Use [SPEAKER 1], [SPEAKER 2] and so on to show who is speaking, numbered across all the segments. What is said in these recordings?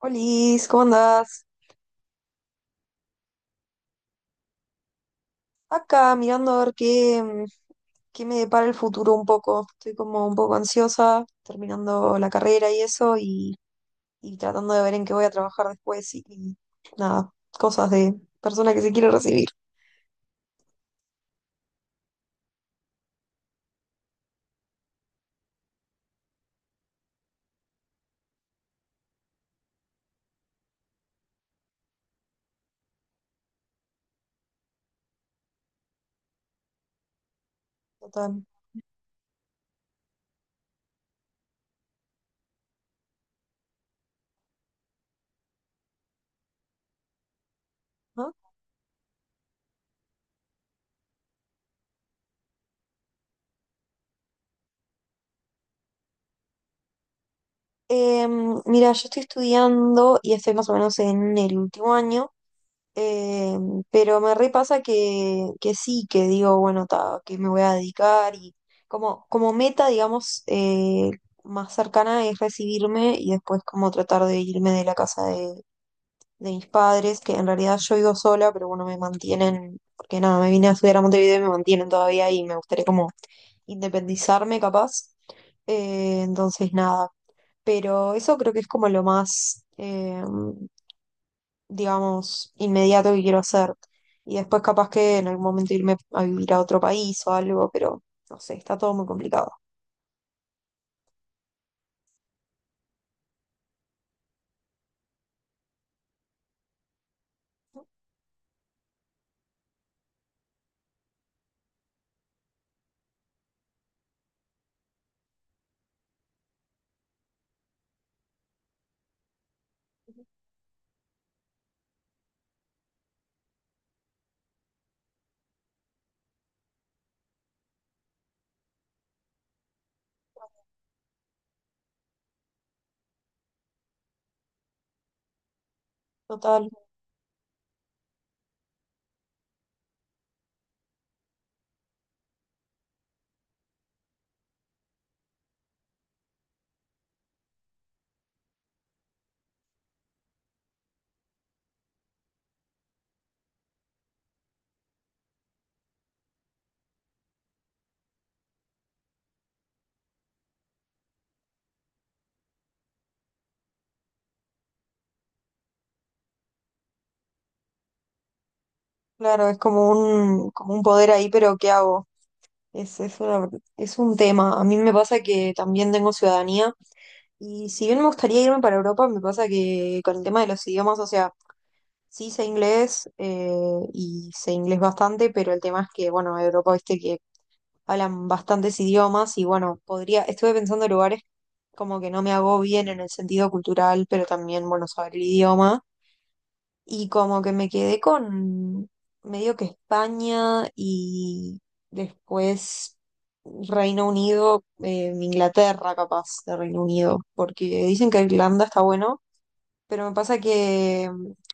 [SPEAKER 1] Olis, ¿cómo andás? Acá mirando a ver qué, qué me depara el futuro un poco. Estoy como un poco ansiosa, terminando la carrera y eso, y tratando de ver en qué voy a trabajar después y nada, cosas de persona que se quiere recibir. Total, ¿no? Mira, yo estoy estudiando y estoy más o menos en el último año. Eh, pero me repasa que sí, que digo, bueno, ta, que me voy a dedicar y como, como meta, digamos, más cercana es recibirme y después como tratar de irme de la casa de mis padres, que en realidad yo vivo sola, pero bueno, me mantienen, porque nada, me vine a estudiar a Montevideo y me mantienen todavía y me gustaría como independizarme capaz. Entonces, nada, pero eso creo que es como lo más... em, digamos, inmediato que quiero hacer. Y después capaz que en algún momento irme a vivir a otro país o algo, pero no sé, está todo muy complicado. Total, claro, es como un poder ahí, pero ¿qué hago? Es, es una- es un tema. A mí me pasa que también tengo ciudadanía y si bien me gustaría irme para Europa, me pasa que con el tema de los idiomas, o sea, sí sé inglés y sé inglés bastante, pero el tema es que, bueno, Europa, viste que hablan bastantes idiomas y bueno, podría, estuve pensando en lugares como que no me hago bien en el sentido cultural, pero también, bueno, saber el idioma y como que me quedé con medio que España y después Reino Unido, Inglaterra capaz de Reino Unido, porque dicen que Irlanda está bueno pero me pasa que,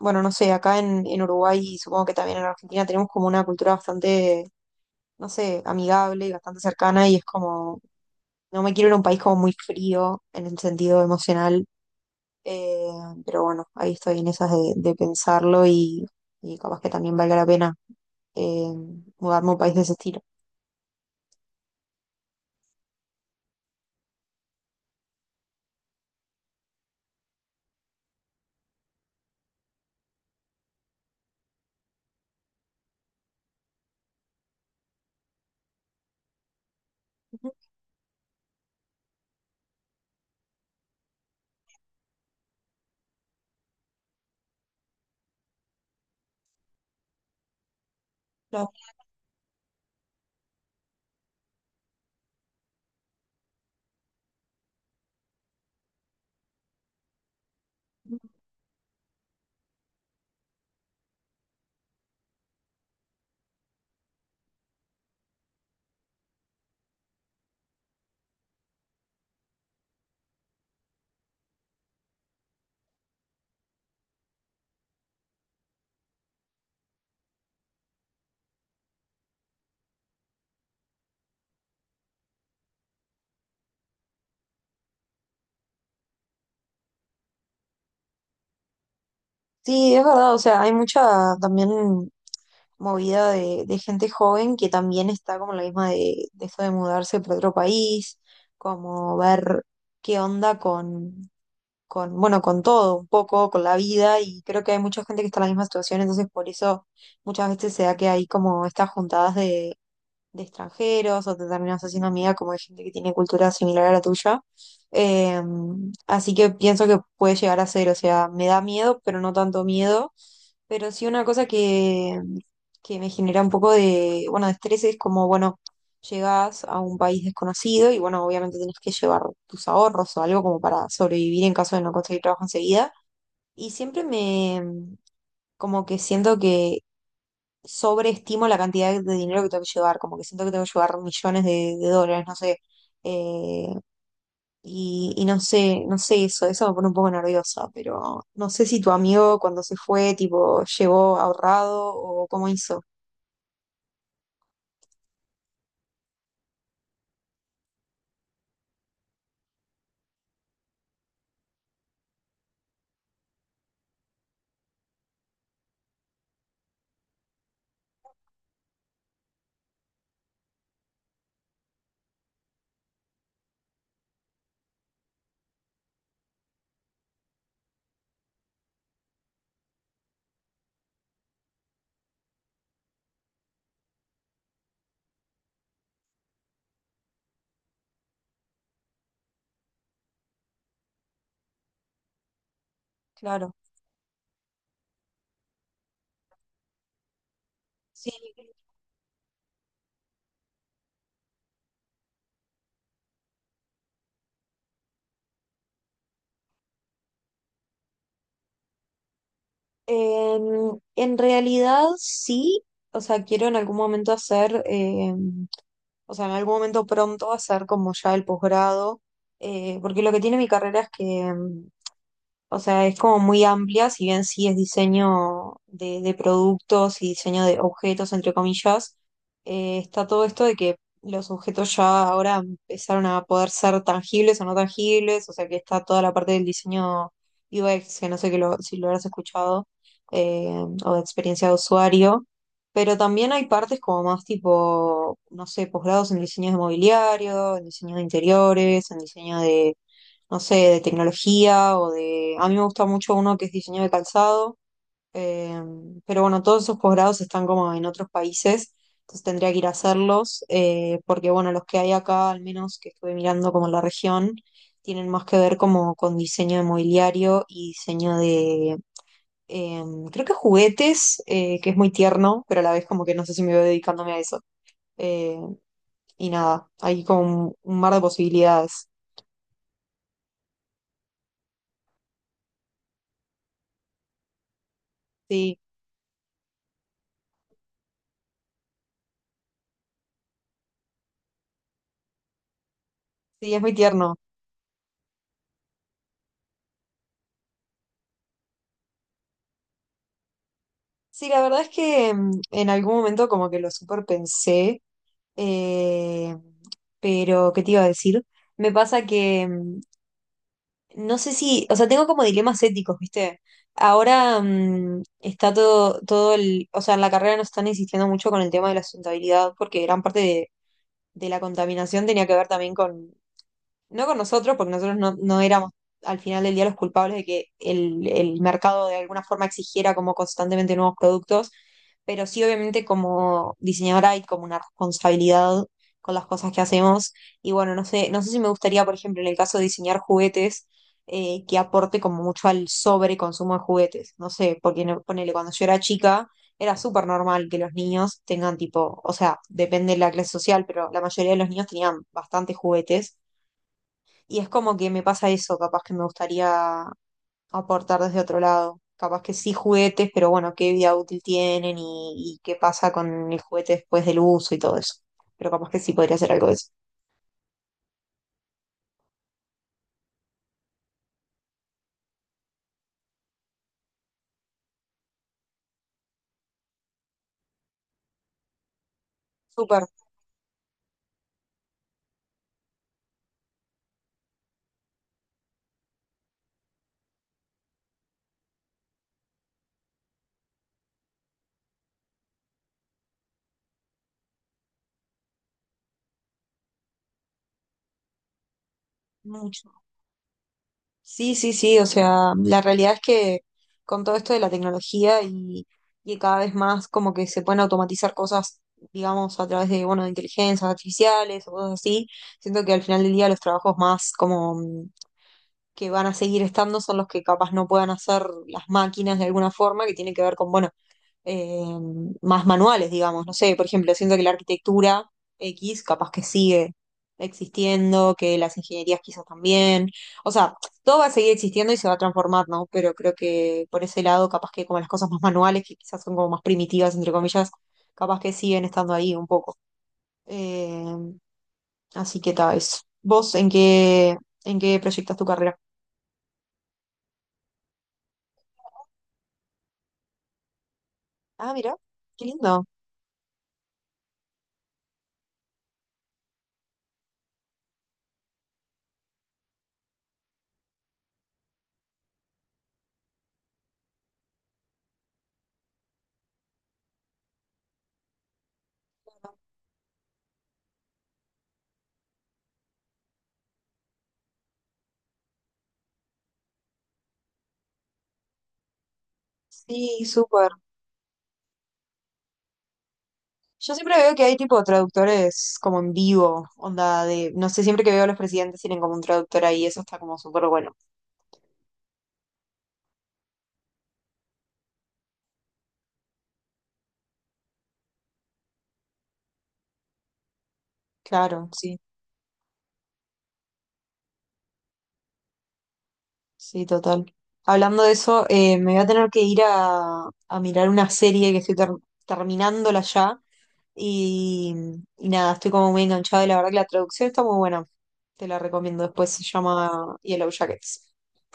[SPEAKER 1] bueno, no sé, acá en Uruguay y supongo que también en Argentina tenemos como una cultura bastante, no sé, amigable y bastante cercana y es como, no me quiero ir a un país como muy frío en el sentido emocional, eh, pero bueno, ahí estoy en esas de pensarlo y capaz que también valga la pena eh, mudarme a un país de ese estilo. Ujú, claro. Sí, es verdad, o sea, hay mucha también movida de gente joven que también está como la misma de esto de mudarse para otro país, como ver qué onda con, bueno, con todo, un poco, con la vida, y creo que hay mucha gente que está en la misma situación, entonces por eso muchas veces se da que hay como estas juntadas de extranjeros o te terminas haciendo amiga como de gente que tiene cultura similar a la tuya. Eh, así que pienso que puede llegar a ser, o sea, me da miedo, pero no tanto miedo pero sí una cosa que me genera un poco de, bueno, de estrés es como, bueno, llegás a un país desconocido y bueno, obviamente tenés que llevar tus ahorros o algo como para sobrevivir en caso de no conseguir trabajo enseguida. Y siempre me, como que siento que sobreestimo la cantidad de dinero que tengo que llevar, como que siento que tengo que llevar millones de dólares, no sé, eh, y no sé, no sé eso, eso me pone un poco nerviosa, pero no sé si tu amigo cuando se fue, tipo, llegó ahorrado o cómo hizo. Claro. Sí. En realidad sí, o sea, quiero en algún momento hacer, o sea, en algún momento pronto hacer como ya el posgrado, porque lo que tiene mi carrera es que o sea, es como muy amplia, si bien sí es diseño de productos y diseño de objetos, entre comillas, está todo esto de que los objetos ya ahora empezaron a poder ser tangibles o no tangibles, o sea que está toda la parte del diseño UX, que no sé si lo habrás escuchado, eh, o de experiencia de usuario, pero también hay partes como más tipo, no sé, posgrados en diseño de mobiliario, en diseño de interiores, en diseño de no sé, de tecnología o de... A mí me gusta mucho uno que es diseño de calzado, eh, pero bueno, todos esos posgrados están como en otros países, entonces tendría que ir a hacerlos, porque bueno, los que hay acá, al menos que estuve mirando como en la región, tienen más que ver como con diseño de mobiliario y diseño de... eh, creo que juguetes, que es muy tierno, pero a la vez como que no sé si me veo dedicándome a eso. Eh, y nada, hay como un mar de posibilidades. Sí, sí, es muy tierno. Sí, la verdad es que en algún momento como que lo super pensé, eh, pero ¿qué te iba a decir? Me pasa que no sé si, o sea, tengo como dilemas éticos, ¿viste? Ahora está todo, todo el, o sea, en la carrera nos están insistiendo mucho con el tema de la sustentabilidad porque gran parte de la contaminación tenía que ver también no con nosotros, porque nosotros no, no éramos al final del día los culpables de que el mercado de alguna forma exigiera como constantemente nuevos productos, pero sí obviamente como diseñadora hay como una responsabilidad con las cosas que hacemos. Y bueno, no sé, no sé si me gustaría, por ejemplo, en el caso de diseñar juguetes, que aporte como mucho al sobreconsumo de juguetes. No sé, porque ponele, cuando yo era chica era súper normal que los niños tengan tipo, o sea, depende de la clase social, pero la mayoría de los niños tenían bastantes juguetes y es como que me pasa eso, capaz que me gustaría aportar desde otro lado. Capaz que sí juguetes, pero bueno, qué vida útil tienen y qué pasa con el juguete después del uso y todo eso. Pero capaz que sí podría hacer algo de eso. Súper, mucho. Sí, sí, sí, o sea, la realidad es que con todo esto de la tecnología y cada vez más como que se pueden automatizar cosas, digamos, a través de, bueno, de inteligencias artificiales o cosas así, siento que al final del día los trabajos más como que van a seguir estando son los que capaz no puedan hacer las máquinas de alguna forma, que tiene que ver con, bueno, eh, más manuales, digamos. No sé, por ejemplo, siento que la arquitectura X capaz que sigue existiendo, que las ingenierías quizás también. O sea, todo va a seguir existiendo y se va a transformar, ¿no? Pero creo que por ese lado, capaz que como las cosas más manuales, que quizás son como más primitivas, entre comillas, capaz que siguen estando ahí un poco. Eh, así que tal vez. ¿Vos en qué proyectas tu carrera? Ah, mira, qué lindo. Sí, súper. Yo siempre veo que hay tipo traductores como en vivo, onda de, no sé, siempre que veo a los presidentes tienen como un traductor ahí, eso está como súper bueno. Claro, sí, sí, total. Hablando de eso, me voy a tener que ir a mirar una serie que estoy terminándola ya y, y nada, estoy como muy enganchada y la verdad que la traducción está muy buena. Te la recomiendo después, se llama Yellow Jackets.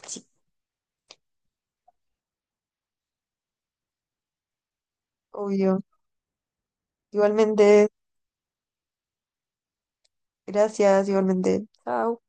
[SPEAKER 1] Sí, obvio. Igualmente. Gracias, igualmente. Chao.